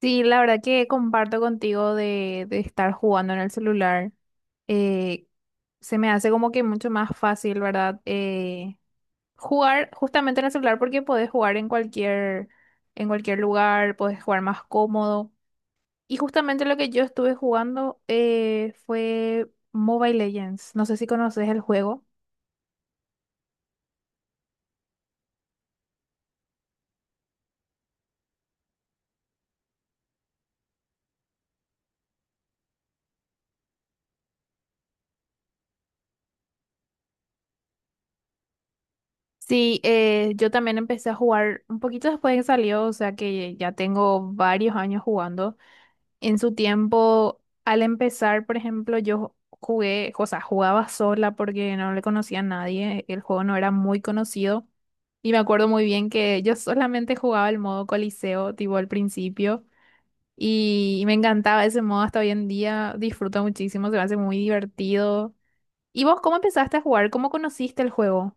Sí, la verdad que comparto contigo de estar jugando en el celular. Eh, Se me hace como que mucho más fácil, ¿verdad? Jugar justamente en el celular porque podés jugar en en cualquier lugar, podés jugar más cómodo. Y justamente lo que yo estuve jugando fue Mobile Legends. No sé si conoces el juego. Sí, yo también empecé a jugar un poquito después de que salió, o sea que ya tengo varios años jugando. En su tiempo, al empezar, por ejemplo, yo jugué, o sea, jugaba sola porque no le conocía a nadie, el juego no era muy conocido y me acuerdo muy bien que yo solamente jugaba el modo Coliseo, tipo al principio, y me encantaba ese modo hasta hoy en día, disfruto muchísimo, se me hace muy divertido. ¿Y vos cómo empezaste a jugar? ¿Cómo conociste el juego?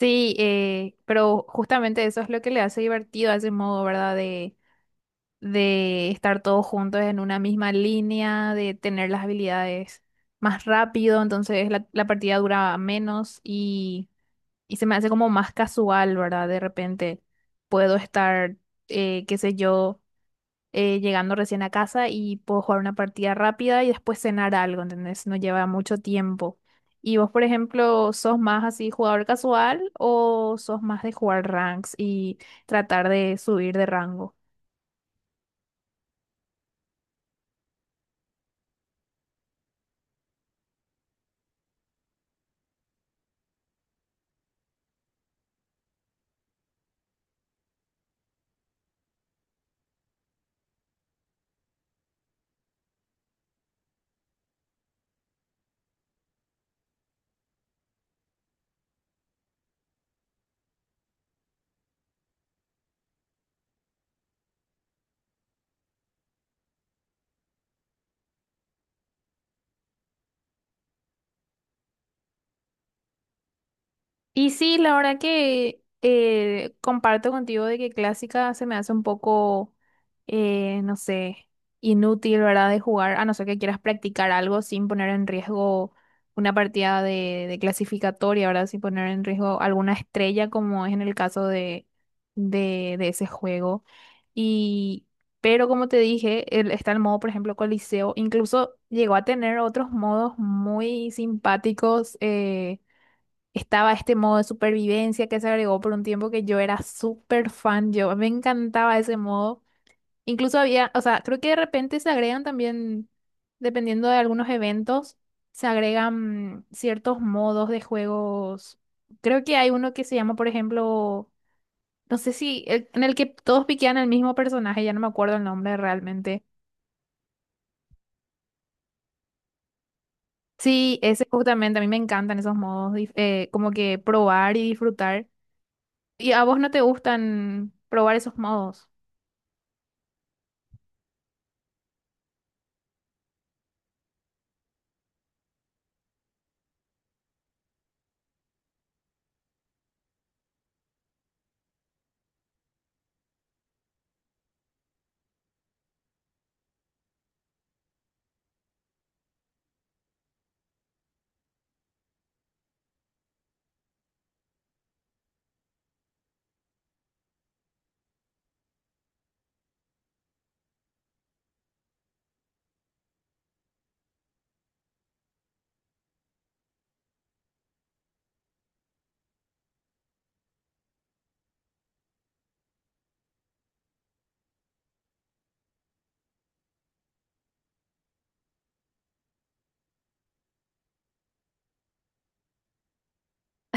Sí, pero justamente eso es lo que le hace divertido a ese modo, ¿verdad? De estar todos juntos en una misma línea, de tener las habilidades más rápido, entonces la partida dura menos y se me hace como más casual, ¿verdad? De repente puedo estar, qué sé yo, llegando recién a casa y puedo jugar una partida rápida y después cenar algo, ¿entendés? No lleva mucho tiempo. ¿Y vos, por ejemplo, sos más así jugador casual o sos más de jugar ranks y tratar de subir de rango? Y sí, la verdad que comparto contigo de que clásica se me hace un poco, no sé, inútil, ¿verdad? De jugar, a no ser que quieras practicar algo sin poner en riesgo una partida de clasificatoria, ¿verdad? Sin poner en riesgo alguna estrella, como es en el caso de ese juego. Y, pero como te dije, está el modo, por ejemplo, Coliseo. Incluso llegó a tener otros modos muy simpáticos. Estaba este modo de supervivencia que se agregó por un tiempo que yo era súper fan, yo me encantaba ese modo. Incluso había, o sea, creo que de repente se agregan también, dependiendo de algunos eventos, se agregan ciertos modos de juegos. Creo que hay uno que se llama, por ejemplo, no sé si, el- en el que todos piquean al mismo personaje, ya no me acuerdo el nombre realmente. Sí, ese justamente, a mí me encantan esos modos, como que probar y disfrutar. ¿Y a vos no te gustan probar esos modos?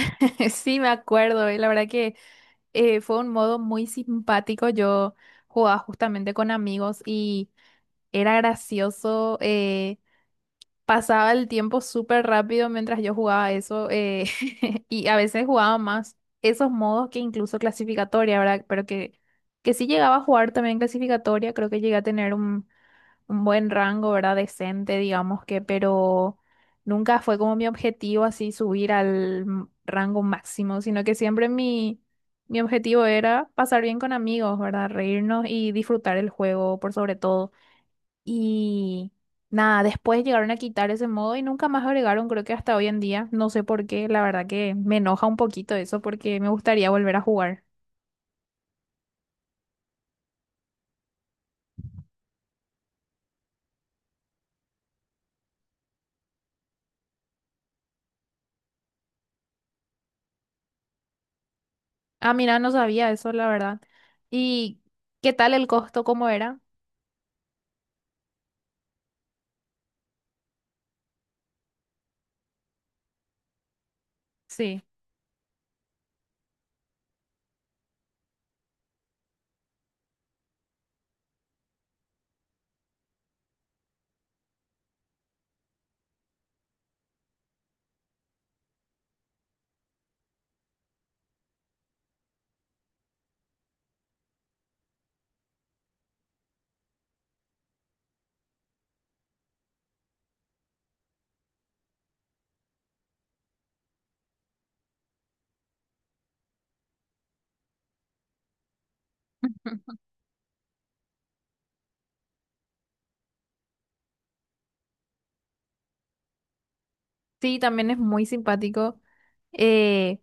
Sí, me acuerdo, y la verdad que fue un modo muy simpático. Yo jugaba justamente con amigos y era gracioso. Pasaba el tiempo súper rápido mientras yo jugaba eso. Y a veces jugaba más esos modos que incluso clasificatoria, ¿verdad? Pero que sí llegaba a jugar también clasificatoria. Creo que llegué a tener un buen rango, ¿verdad? Decente, digamos que, pero nunca fue como mi objetivo así subir al rango máximo, sino que siempre mi objetivo era pasar bien con amigos, ¿verdad? Reírnos y disfrutar el juego por sobre todo. Y nada, después llegaron a quitar ese modo y nunca más agregaron, creo que hasta hoy en día, no sé por qué, la verdad que me enoja un poquito eso porque me gustaría volver a jugar. Ah, mira, no sabía eso, la verdad. ¿Y qué tal el costo? ¿Cómo era? Sí. Sí, también es muy simpático. eh,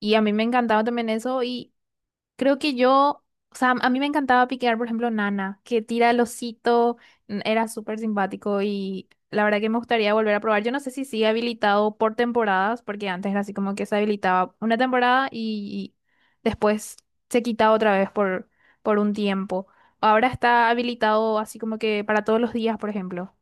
y a mí me encantaba también eso. Y creo que o sea, a mí me encantaba piquear, por ejemplo, Nana, que tira el osito. Era súper simpático y la verdad que me gustaría volver a probar. Yo no sé si sigue habilitado por temporadas, porque antes era así como que se habilitaba una temporada y, después se quitaba otra vez por un tiempo. Ahora está habilitado así como que para todos los días, por ejemplo.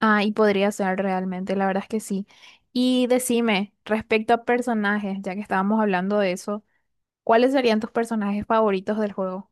Ah, y podría ser realmente, la verdad es que sí. Y decime, respecto a personajes, ya que estábamos hablando de eso, ¿cuáles serían tus personajes favoritos del juego?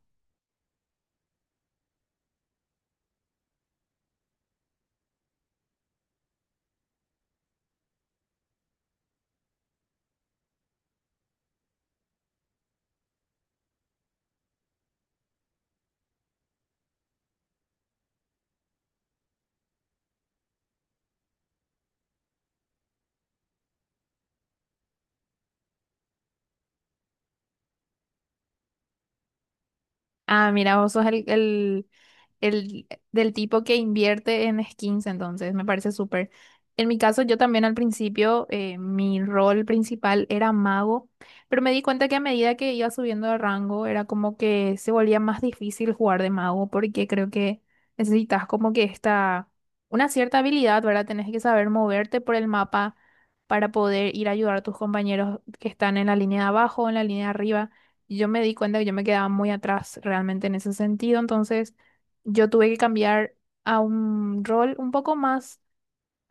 Ah, mira, vos sos el del tipo que invierte en skins, entonces me parece súper. En mi caso, yo también al principio, mi rol principal era mago, pero me di cuenta que a medida que iba subiendo de rango, era como que se volvía más difícil jugar de mago, porque creo que necesitas una cierta habilidad, ¿verdad? Tenés que saber moverte por el mapa para poder ir a ayudar a tus compañeros que están en la línea de abajo, en la línea de arriba. Y yo me di cuenta que yo me quedaba muy atrás realmente en ese sentido, entonces yo tuve que cambiar a un rol un poco más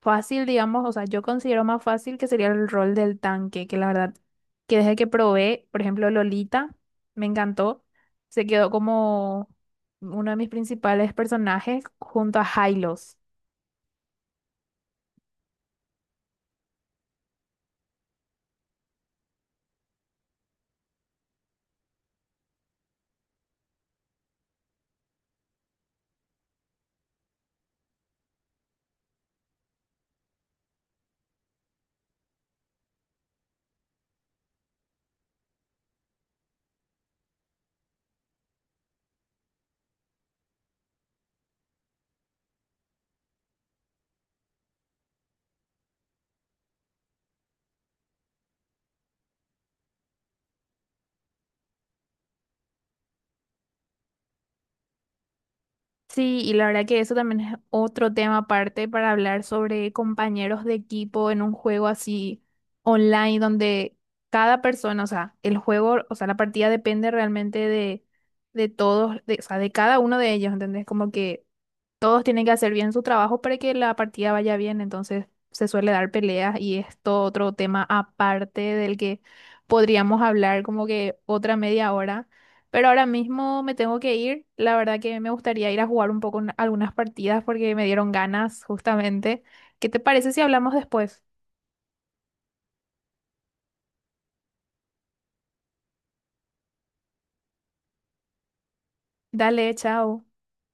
fácil, digamos, o sea, yo considero más fácil que sería el rol del tanque, que la verdad, que desde que probé, por ejemplo, Lolita, me encantó, se quedó como uno de mis principales personajes junto a Hylos. Sí, y la verdad que eso también es otro tema aparte para hablar sobre compañeros de equipo en un juego así online donde cada persona, o sea, el juego, o sea, la partida depende realmente de todos, de, o sea, de cada uno de ellos, ¿entendés? Como que todos tienen que hacer bien su trabajo para que la partida vaya bien, entonces se suele dar peleas y esto otro tema aparte del que podríamos hablar como que otra media hora, pero ahora mismo me tengo que ir. La verdad que me gustaría ir a jugar un poco en algunas partidas porque me dieron ganas justamente. ¿Qué te parece si hablamos después? Dale, chao.